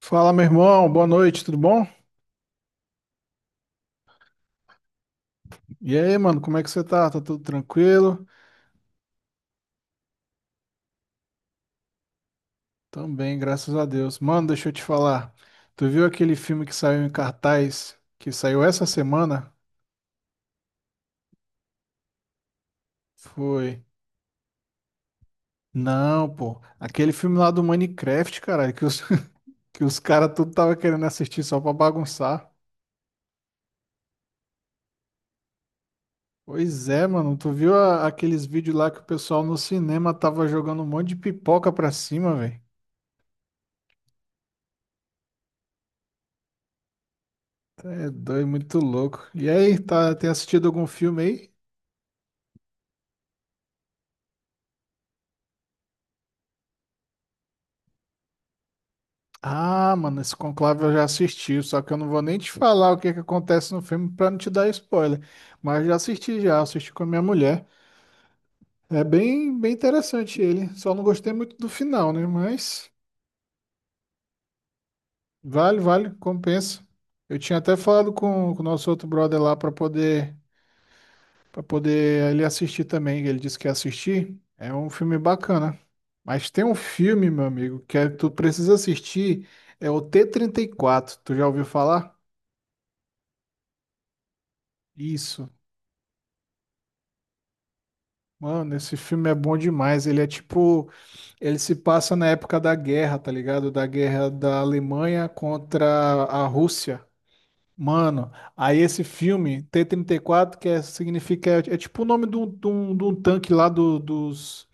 Fala, meu irmão, boa noite, tudo bom? E aí, mano, como é que você tá? Tá tudo tranquilo? Também, graças a Deus. Mano, deixa eu te falar. Tu viu aquele filme que saiu em cartaz, que saiu essa semana? Foi. Não, pô. Aquele filme lá do Minecraft, caralho, que os caras tudo tava querendo assistir só pra bagunçar. Pois é, mano, tu viu aqueles vídeos lá que o pessoal no cinema tava jogando um monte de pipoca pra cima, velho? É doido, muito louco. E aí, tá, tem assistido algum filme aí? Ah, mano, esse Conclave eu já assisti, só que eu não vou nem te falar o que que acontece no filme pra não te dar spoiler. Mas já assisti com a minha mulher. É bem, bem interessante ele. Só não gostei muito do final, né? Mas vale, vale, compensa. Eu tinha até falado com o nosso outro brother lá pra poder para poder ele assistir também. Ele disse que ia assistir. É um filme bacana. Mas tem um filme, meu amigo, tu precisa assistir. É o t 34. Tu já ouviu falar? Isso. Mano, esse filme é bom demais. Ele se passa na época da guerra, tá ligado? Da guerra da Alemanha contra a Rússia. Mano, aí esse filme, T-34, significa, é tipo o nome de de um tanque dos,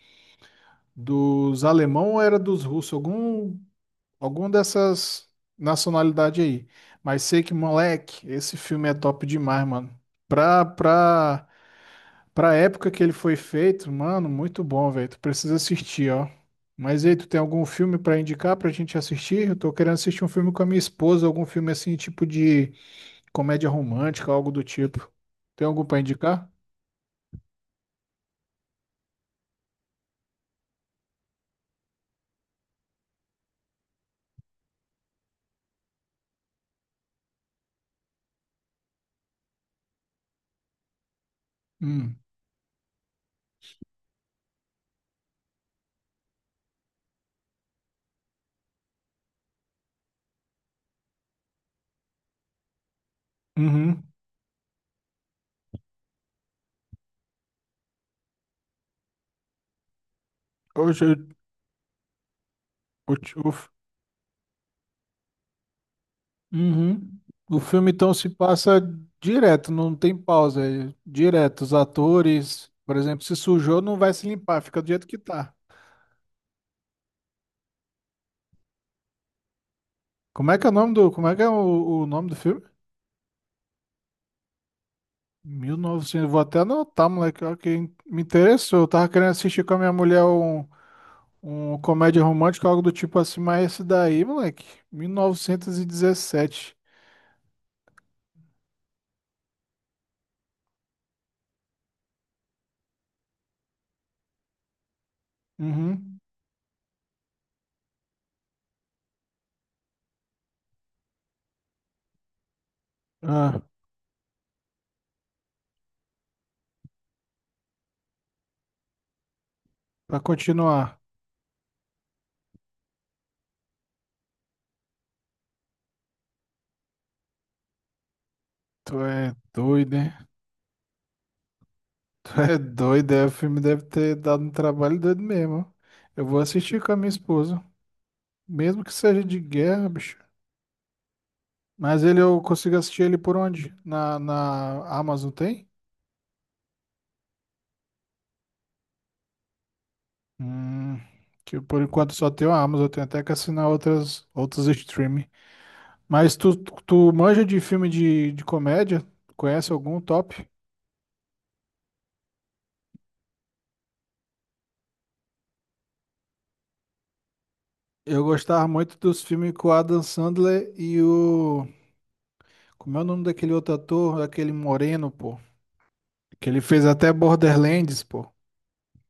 dos alemão ou era dos russos? Algum, algum dessas nacionalidade aí. Mas sei que, moleque, esse filme é top demais, mano. Pra, pra Pra época que ele foi feito, mano, muito bom, velho. Tu precisa assistir, ó. Mas e aí, tu tem algum filme pra indicar pra gente assistir? Eu tô querendo assistir um filme com a minha esposa, algum filme assim, tipo de comédia romântica, algo do tipo. Tem algum pra indicar? Hum. Uhum. Hoje, eu, o. ti- o, Uhum. O filme então se passa direto, não tem pausa, é direto. Os atores, por exemplo, se sujou, não vai se limpar, fica do jeito que tá. Como é que é o nome do, como é que é o nome do filme? 1900, vou até anotar, moleque, ó, que me interessou. Eu tava querendo assistir com a minha mulher um comédia romântica, algo do tipo assim, mas esse daí, moleque, 1917. Uhum. Ah, pra continuar. Tu é doido, hein? Tu é doido, é, o filme deve ter dado um trabalho doido mesmo. Eu vou assistir com a minha esposa, mesmo que seja de guerra, bicho. Mas ele eu consigo assistir ele por onde? Na Amazon tem? Hum, que por enquanto só tem a Amazon, eu tenho até que assinar outras outros streaming. Mas tu manja de filme de comédia? Conhece algum top? Eu gostava muito dos filmes com o Adam Sandler e o. Como é o nome daquele outro ator? Aquele moreno, pô. Que ele fez até Borderlands, pô.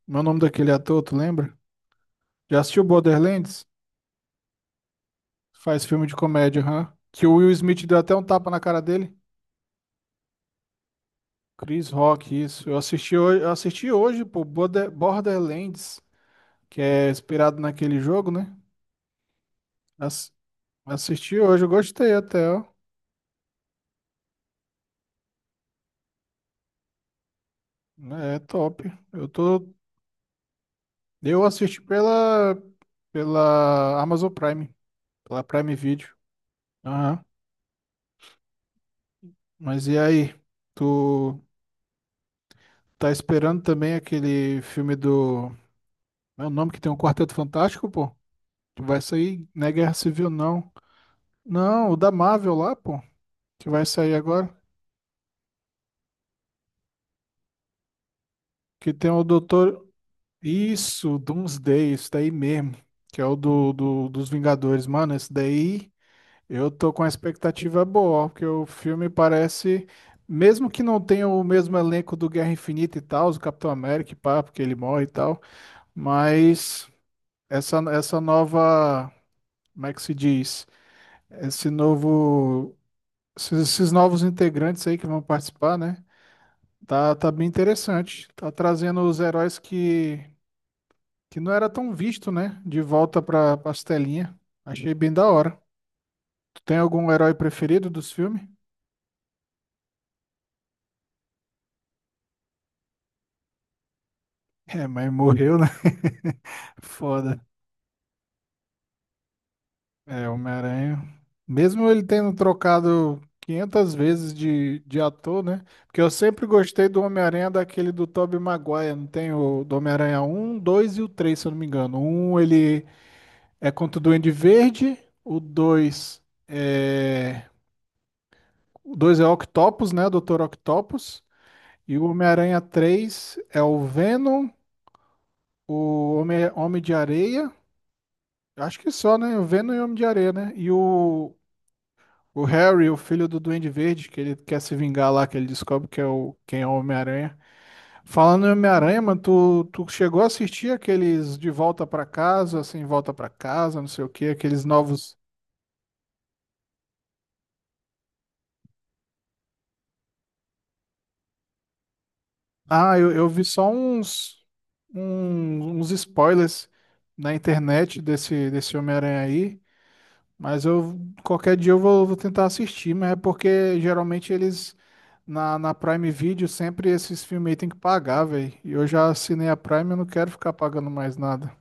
Meu nome daquele ator, tu lembra? Já assistiu Borderlands? Faz filme de comédia, hã? Que o Will Smith deu até um tapa na cara dele. Chris Rock, isso. Eu assisti hoje, pô, Borderlands, que é inspirado naquele jogo, né? Ass- assisti hoje, eu gostei até, ó. É top. Eu tô, eu assisti pela Amazon Prime, pela Prime Video. Aham. Mas e aí? Tu Tá esperando também aquele filme do. É o nome que tem um Quarteto Fantástico, pô? Que vai sair, não é Guerra Civil, não. Não, o da Marvel lá, pô. Que vai sair agora. Que tem o Doutor. Isso, Doomsday, isso daí mesmo. Que é o dos Vingadores. Mano, esse daí eu tô com a expectativa boa, ó, porque o filme parece. Mesmo que não tenha o mesmo elenco do Guerra Infinita e tal, o Capitão América, e pá, porque ele morre e tal. Mas essa nova como é que se diz? Esse novo, esses novos integrantes aí que vão participar, né? Tá bem interessante. Tá trazendo os heróis que não era tão visto, né? De volta pra pastelinha. Achei bem da hora. Tu tem algum herói preferido dos filmes? É, mas morreu, né? Foda. É, Homem-Aranha. Mesmo ele tendo trocado 500 vezes de ator, né? Porque eu sempre gostei do Homem-Aranha daquele do Tobey Maguire. Não tem o do Homem-Aranha um, 2 e o 3, se eu não me engano. Um ele é contra o Duende Verde. O 2 é... O 2 é Octopus, né? Doutor Octopus. E o Homem-Aranha 3 é o Venom, Homem de Areia. Acho que só, né? O Venom e o Homem de Areia, né? O Harry, o filho do Duende Verde, que ele quer se vingar lá, que ele descobre que quem é o Homem-Aranha. Falando em Homem-Aranha, mano, tu chegou a assistir aqueles De Volta Pra Casa, assim, Volta Pra Casa, não sei o quê, aqueles novos. Eu vi só uns spoilers na internet desse Homem-Aranha aí. Mas eu qualquer dia eu vou tentar assistir, mas é porque geralmente eles na Prime Video sempre esses filmes aí tem que pagar, velho. E eu já assinei a Prime, eu não quero ficar pagando mais nada.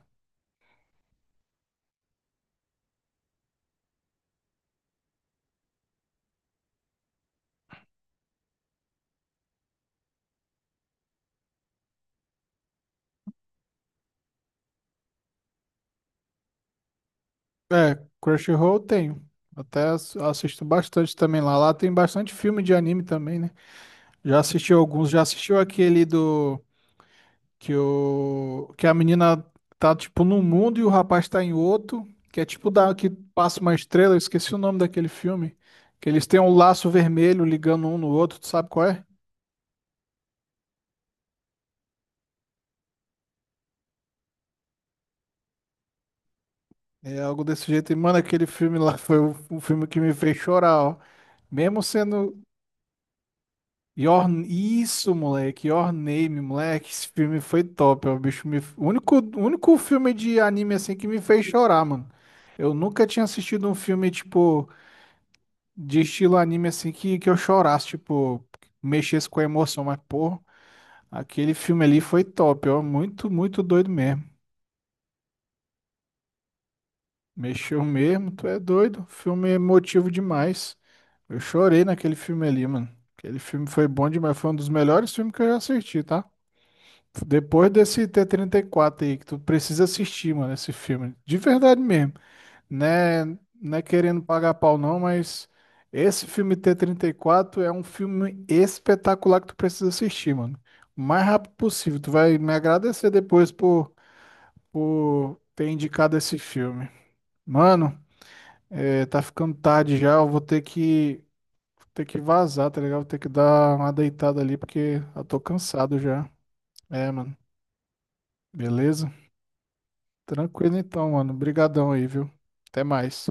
É, Crunchyroll eu tenho. Até assisto bastante também lá. Lá tem bastante filme de anime também, né? Já assistiu alguns, já assistiu aquele que a menina tá, tipo, num mundo e o rapaz tá em outro. Que é tipo da, que passa uma estrela, eu esqueci o nome daquele filme. Que eles têm um laço vermelho ligando um no outro, tu sabe qual é? É algo desse jeito. E, mano, aquele filme lá foi o filme que me fez chorar, ó. Mesmo sendo. Your... Isso, moleque. Your Name, moleque. Esse filme foi top, ó. O bicho me... o único filme de anime assim que me fez chorar, mano. Eu nunca tinha assistido um filme, tipo. De estilo anime assim que eu chorasse, tipo, mexesse com a emoção, mas pô, aquele filme ali foi top, ó, muito, muito doido mesmo. Mexeu mesmo, tu é doido, filme emotivo demais. Eu chorei naquele filme ali, mano. Aquele filme foi bom demais, foi um dos melhores filmes que eu já assisti, tá? Depois desse T-34 aí, que tu precisa assistir, mano, esse filme. De verdade mesmo. Né, não é querendo pagar pau não, mas esse filme t 34 é um filme espetacular que tu precisa assistir, mano. O mais rápido possível. Tu vai me agradecer depois por ter indicado esse filme. Mano, é, tá ficando tarde já, eu vou ter ter que vazar, tá ligado? Vou ter que dar uma deitada ali porque eu tô cansado já. É, mano. Beleza? Tranquilo então, mano. Brigadão aí, viu? Até mais.